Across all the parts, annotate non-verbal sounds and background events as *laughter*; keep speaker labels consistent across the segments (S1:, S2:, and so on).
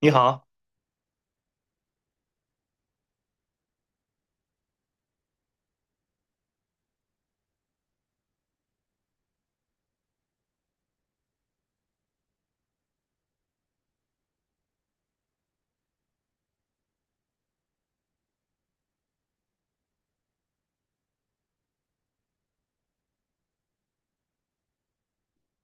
S1: 你好。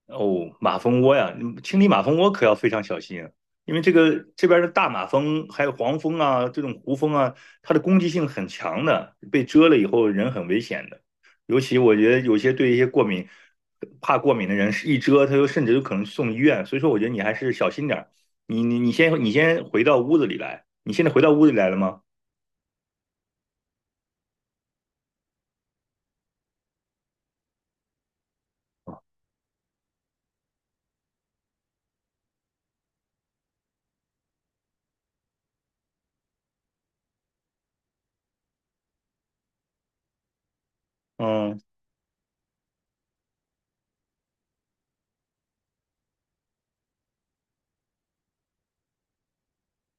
S1: 哦，马蜂窝呀，你清理马蜂窝可要非常小心啊。因为这个这边的大马蜂还有黄蜂啊，这种胡蜂啊，它的攻击性很强的，被蛰了以后人很危险的。尤其我觉得有些对一些过敏、怕过敏的人，是一蛰他就甚至有可能送医院。所以说，我觉得你还是小心点儿。你先回到屋子里来，你现在回到屋子里来了吗？嗯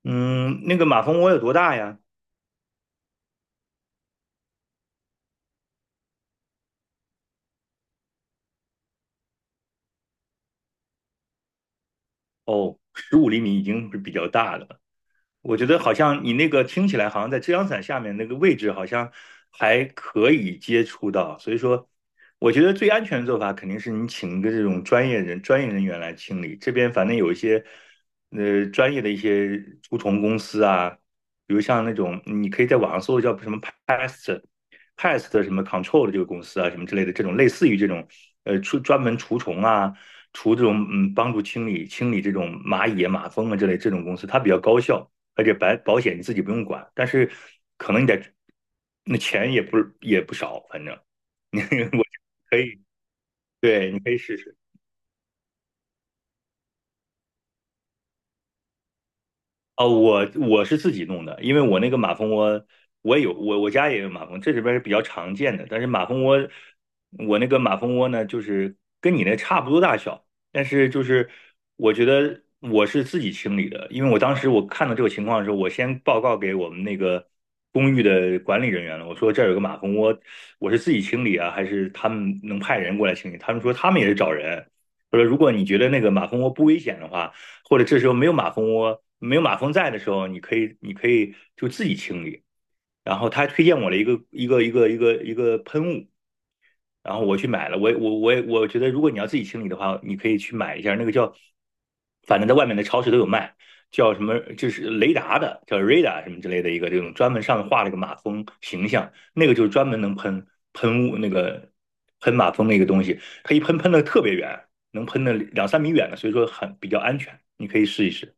S1: 嗯，那个马蜂窝有多大呀？哦，15厘米已经是比较大的了。我觉得好像你那个听起来好像在遮阳伞下面那个位置好像还可以接触到，所以说我觉得最安全的做法肯定是你请一个这种专业人员来清理。这边反正有一些专业的一些除虫公司啊，比如像那种你可以在网上搜叫什么 pest pest 什么 control 的这个公司啊，什么之类的这种类似于这种专门除虫啊。除这种帮助清理清理这种蚂蚁啊马蜂啊之类这种公司，它比较高效。而且保险你自己不用管，但是可能你得那钱也不少，反正你 *laughs* 我可以，对，你可以试试。哦，我是自己弄的，因为我那个马蜂窝，我家也有马蜂，这里边是比较常见的。但是马蜂窝，我那个马蜂窝呢，就是跟你那差不多大小，但是就是我觉得我是自己清理的，因为我当时我看到这个情况的时候，我先报告给我们那个公寓的管理人员了，我说这儿有个马蜂窝，我是自己清理啊，还是他们能派人过来清理？他们说他们也是找人，他说如果你觉得那个马蜂窝不危险的话。或者这时候没有马蜂窝、没有马蜂在的时候，你可以就自己清理。然后他还推荐我了一个喷雾，然后我去买了，我觉得，如果你要自己清理的话，你可以去买一下那个叫，反正在外面的超市都有卖，叫什么就是雷达的，叫 r 达什么之类的一个这种专门上面画了个马蜂形象，那个就是专门能喷喷雾那个喷马蜂那个东西，它一喷喷的特别远，能喷的两三米远的，所以说很比较安全，你可以试一试。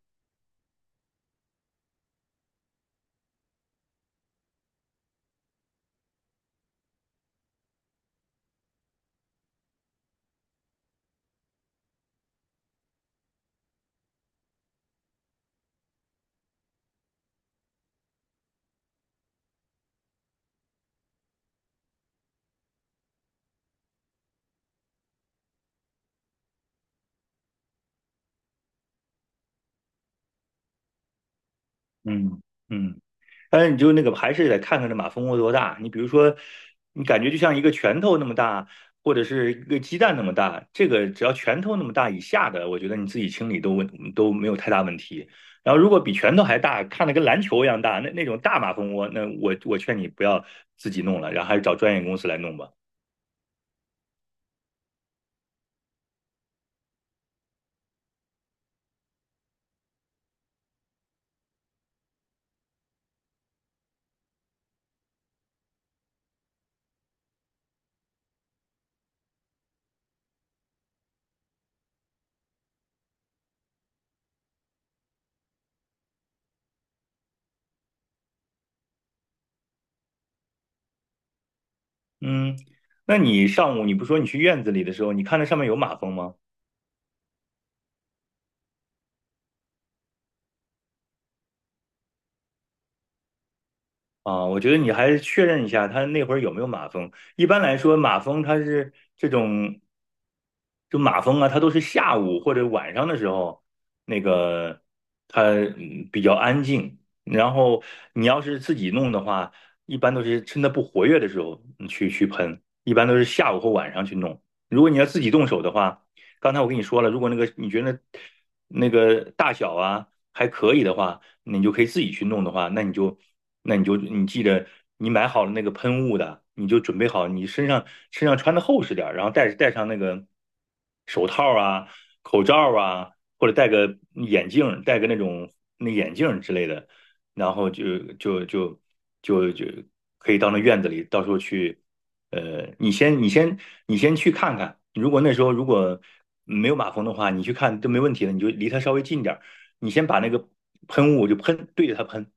S1: 嗯嗯，但是你就那个还是得看看这马蜂窝多大。你比如说，你感觉就像一个拳头那么大，或者是一个鸡蛋那么大，这个只要拳头那么大以下的，我觉得你自己清理都没有太大问题。然后如果比拳头还大，看得跟篮球一样大，那种大马蜂窝，那我劝你不要自己弄了，然后还是找专业公司来弄吧。嗯，那你上午你不说你去院子里的时候，你看那上面有马蜂吗？啊，我觉得你还是确认一下他那会儿有没有马蜂。一般来说，马蜂它是这种，就马蜂啊，它都是下午或者晚上的时候，那个它比较安静。然后你要是自己弄的话，一般都是趁它不活跃的时候去喷，一般都是下午或晚上去弄。如果你要自己动手的话，刚才我跟你说了，如果那个你觉得那个大小啊还可以的话。你就可以自己去弄的话，那你就你记得你买好了那个喷雾的，你就准备好你身上穿的厚实点儿，然后戴上那个手套啊、口罩啊，或者戴个眼镜，戴个那眼镜之类的。然后就可以到那院子里，到时候去，呃，你先你先你先去看看，如果那时候没有马蜂的话，你去看都没问题的，你就离它稍微近点，你先把那个喷雾就喷对着它喷，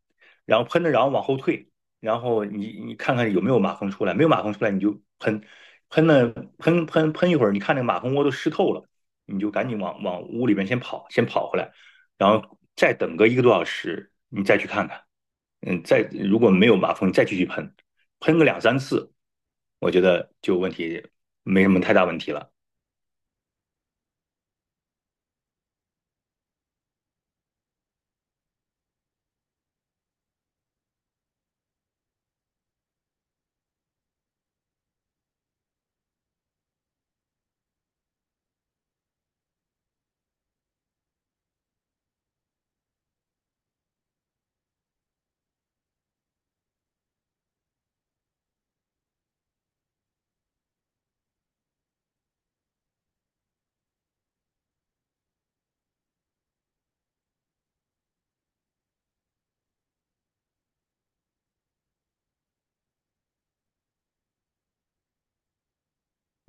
S1: 然后喷着，然后往后退，然后你看看有没有马蜂出来，没有马蜂出来你就喷，喷了喷喷喷一会儿，你看那个马蜂窝都湿透了，你就赶紧往屋里面先跑回来，然后再等个一个多小时，你再去看看，再如果没有马蜂，你再继续喷，喷个两三次，我觉得就问题没什么太大问题了。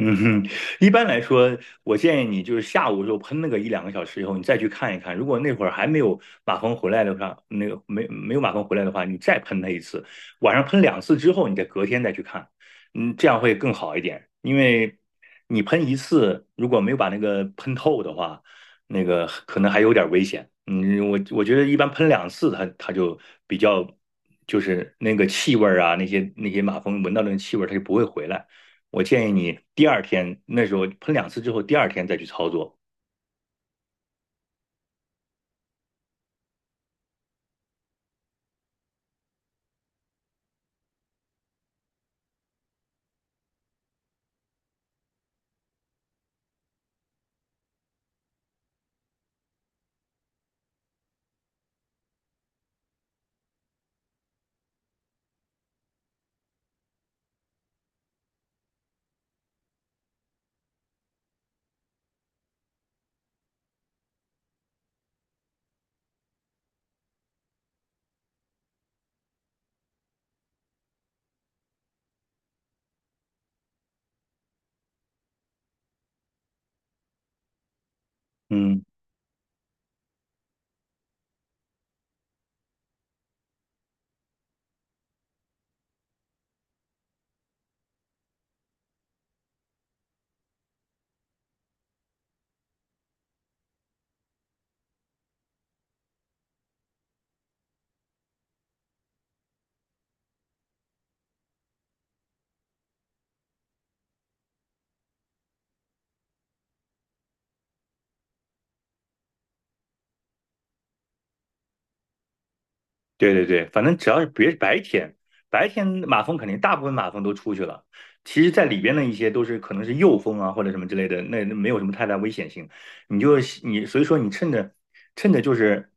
S1: 嗯哼，一般来说，我建议你就是下午就喷那个一两个小时以后，你再去看一看。如果那会儿还没有马蜂回来的话，没有马蜂回来的话，你再喷它一次，晚上喷两次之后，你再隔天再去看，嗯，这样会更好一点。因为你喷一次，如果没有把那个喷透的话，那个可能还有点危险。嗯，我觉得一般喷两次它就比较就是那个气味儿啊，那些马蜂闻到那个气味儿，它就不会回来。我建议你第二天那时候喷两次之后，第二天再去操作。嗯，对对对，反正只要是别是白天，白天马蜂肯定大部分马蜂都出去了。其实，在里边的一些都是可能是幼蜂啊或者什么之类的，那没有什么太大危险性。你就你所以说你趁着就是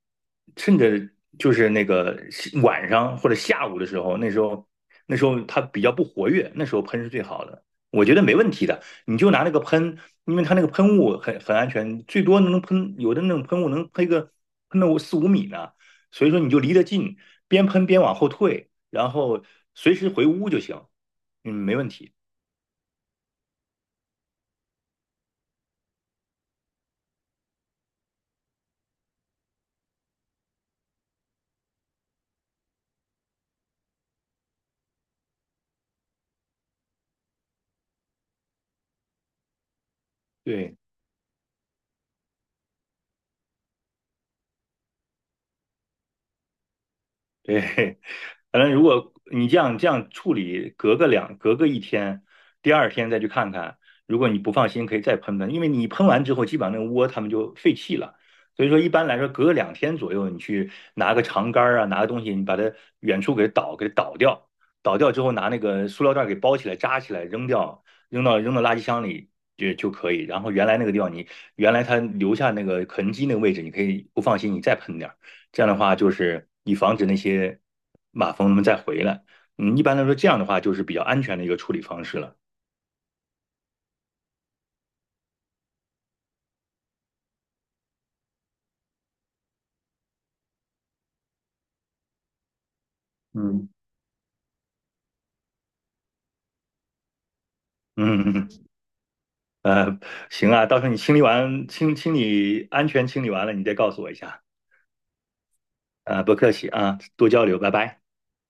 S1: 趁着那个晚上或者下午的时候，那时候它比较不活跃，那时候喷是最好的。我觉得没问题的，你就拿那个喷，因为它那个喷雾很安全，最多能喷有的那种喷雾能喷个喷到四五米呢。所以说你就离得近，边喷边往后退，然后随时回屋就行，没问题。对。*laughs* 对，反正如果你这样处理，隔个一天，第二天再去看看。如果你不放心，可以再喷喷，因为你喷完之后，基本上那个窝它们就废弃了。所以说，一般来说，隔个2天左右，你去拿个长杆儿啊，拿个东西，你把它远处给倒掉，倒掉之后，拿那个塑料袋儿给包起来，扎起来，扔掉，扔到垃圾箱里就可以。然后原来它留下那个痕迹那个位置，你可以不放心，你再喷点儿。这样的话，就是以防止那些马蜂们再回来。一般来说，这样的话就是比较安全的一个处理方式了。嗯嗯 *laughs* 呃，行啊，到时候你清理完清清理安全清理完了，你再告诉我一下。不客气啊，多交流，拜拜。